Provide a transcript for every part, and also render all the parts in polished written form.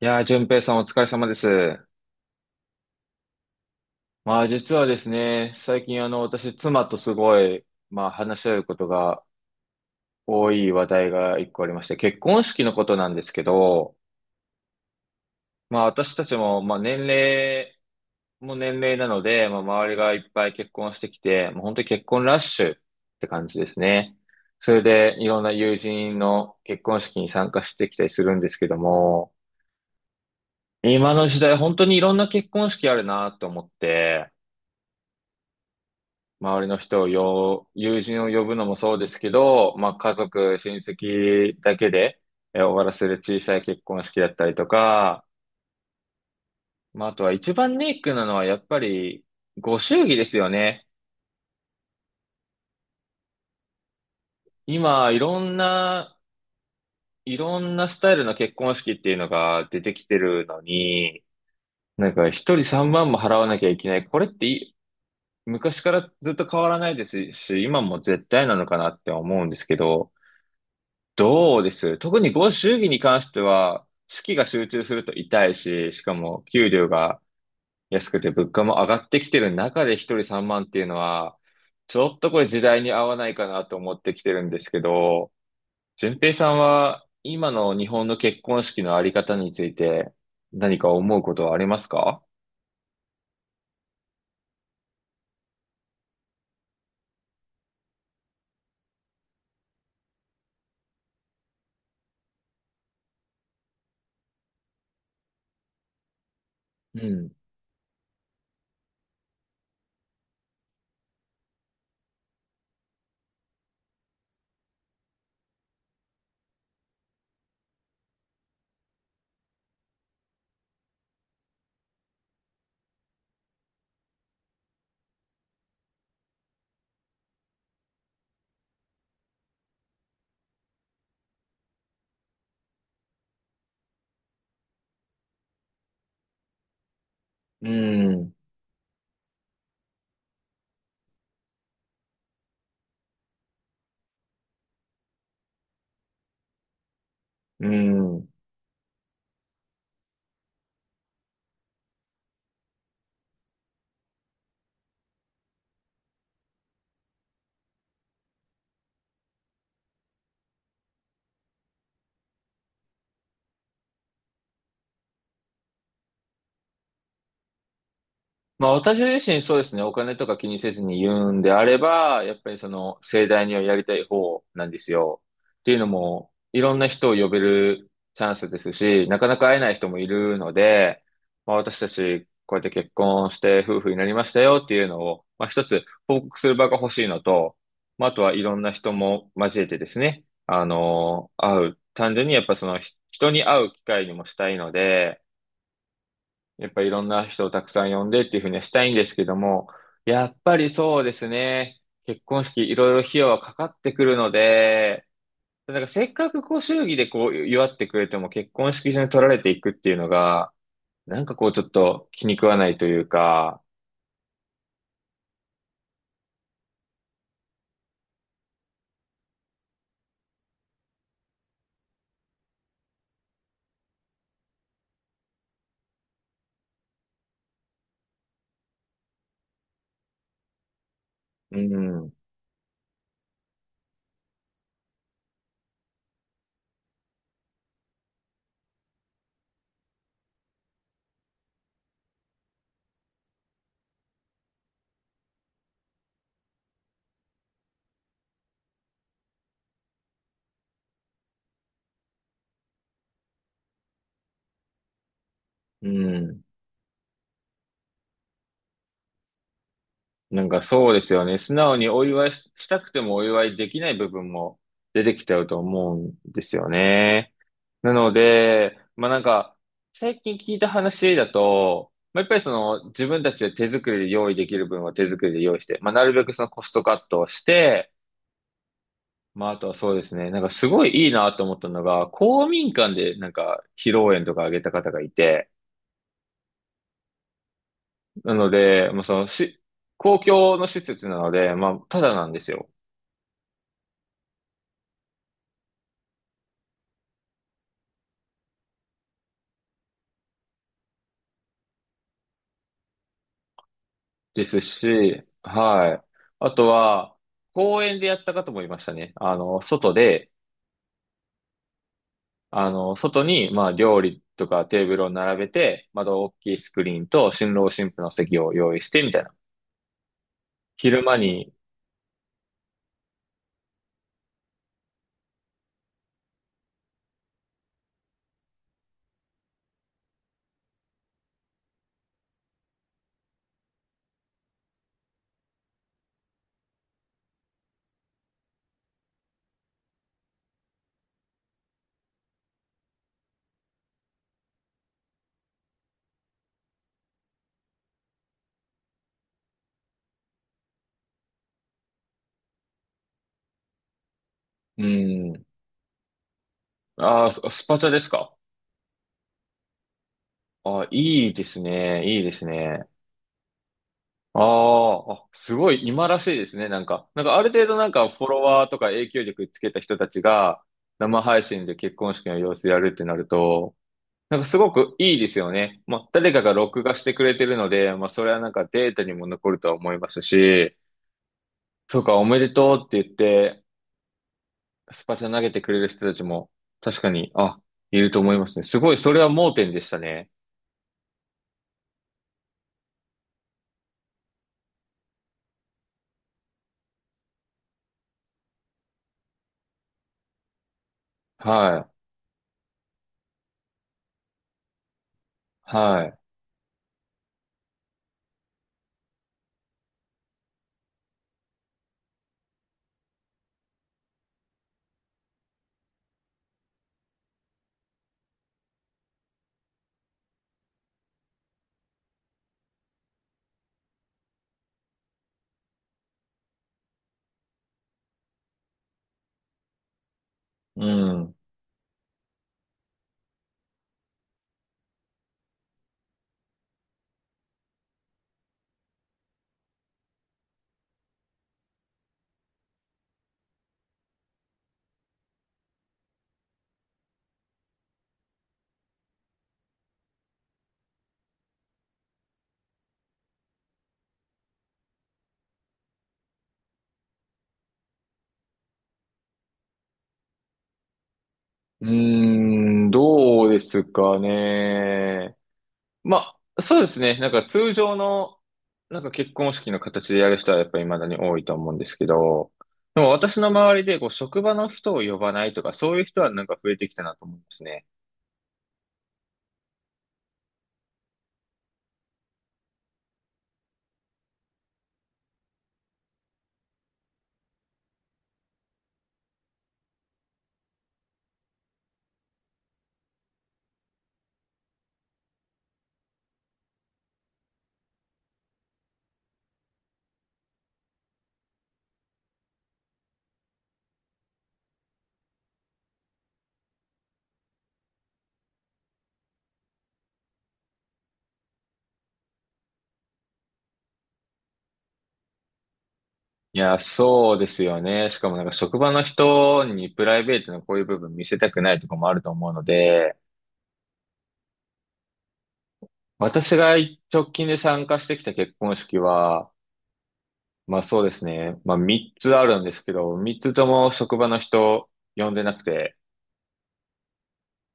いやー、淳平さんお疲れ様です。まあ実はですね、最近私妻とすごい、まあ話し合うことが多い話題が一個ありまして、結婚式のことなんですけど、まあ私たちも、まあ年齢も年齢なので、まあ周りがいっぱい結婚してきて、もう本当に結婚ラッシュって感じですね。それでいろんな友人の結婚式に参加してきたりするんですけども、今の時代本当にいろんな結婚式あるなと思って、周りの人をよ、友人を呼ぶのもそうですけど、まあ家族、親戚だけで終わらせる小さい結婚式だったりとか、まああとは一番ネックなのはやっぱりご祝儀ですよね。今いろんなスタイルの結婚式っていうのが出てきてるのに、なんか一人3万も払わなきゃいけない。これって昔からずっと変わらないですし、今も絶対なのかなって思うんですけど、どうです、特にご祝儀に関しては、資金が集中すると痛いし、しかも給料が安くて物価も上がってきてる中で一人三万っていうのは、ちょっとこれ時代に合わないかなと思ってきてるんですけど、順平さんは今の日本の結婚式のあり方について何か思うことはありますか？うん、うん、うん。まあ私自身そうですね、お金とか気にせずに言うんであれば、やっぱりその盛大にはやりたい方なんですよ。っていうのも、いろんな人を呼べるチャンスですし、なかなか会えない人もいるので、まあ私たちこうやって結婚して夫婦になりましたよっていうのを、まあ一つ報告する場が欲しいのと、まああとはいろんな人も交えてですね、会う。単純にやっぱその人に会う機会にもしたいので、やっぱいろんな人をたくさん呼んでっていうふうにはしたいんですけども、やっぱりそうですね。結婚式いろいろ費用はかかってくるので、なんかせっかくこう祝儀でこう祝ってくれても結婚式場に取られていくっていうのが、なんかこうちょっと気に食わないというか、うん、うん。なんかそうですよね。素直にお祝いししたくてもお祝いできない部分も出てきちゃうと思うんですよね。なので、まあなんか、最近聞いた話だと、まあやっぱりその自分たちで手作りで用意できる分は手作りで用意して、まあなるべくそのコストカットをして、まああとはそうですね、なんかすごいいいなと思ったのが、公民館でなんか披露宴とかあげた方がいて、なので、まあその公共の施設なので、まあただなんですよ。ですし、はい。あとは、公園でやった方もいましたね。外で、外に、まあ、料理とかテーブルを並べて、窓大きいスクリーンと、新郎新婦の席を用意して、みたいな。昼間に、うん。ああ、スパチャですか？ああ、いいですね。いいですね。ああ、すごい今らしいですね。なんか、なんかある程度なんかフォロワーとか影響力つけた人たちが生配信で結婚式の様子やるってなると、なんかすごくいいですよね。まあ、誰かが録画してくれてるので、まあ、それはなんかデータにも残るとは思いますし、そうか、おめでとうって言って、スパチャ投げてくれる人たちも、確かに、あ、いると思いますね。すごい、それは盲点でしたね。はい、はい、うん。うーん、どうですかね。まあ、そうですね。なんか通常の、なんか結婚式の形でやる人はやっぱり未だに多いと思うんですけど、でも私の周りで、こう、職場の人を呼ばないとか、そういう人はなんか増えてきたなと思うんですね。いや、そうですよね。しかもなんか職場の人にプライベートのこういう部分見せたくないとかもあると思うので、私が直近で参加してきた結婚式は、まあそうですね。まあ3つあるんですけど、3つとも職場の人呼んでなくて、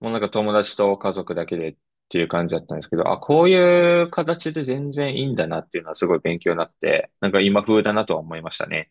もうなんか友達と家族だけでっていう感じだったんですけど、あ、こういう形で全然いいんだなっていうのはすごい勉強になって、なんか今風だなとは思いましたね。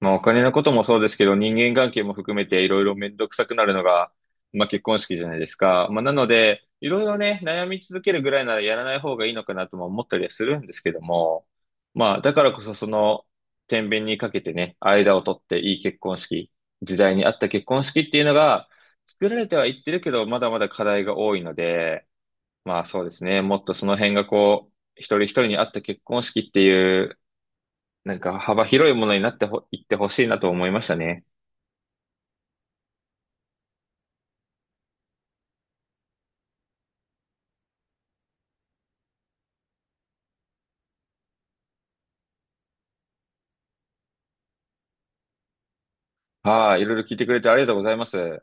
まあ、お金のこともそうですけど、人間関係も含めていろいろめんどくさくなるのが、まあ、結婚式じゃないですか。まあ、なので、いろいろね、悩み続けるぐらいならやらない方がいいのかなとも思ったりはするんですけども、まあ、だからこそその、天秤にかけてね、間を取っていい結婚式、時代に合った結婚式っていうのが、作られてはいってるけど、まだまだ課題が多いので、まあそうですね、もっとその辺がこう、一人一人に合った結婚式っていうなんか幅広いものになっていってほしいなと思いましたね。はい、いろいろ聞いてくれてありがとうございます。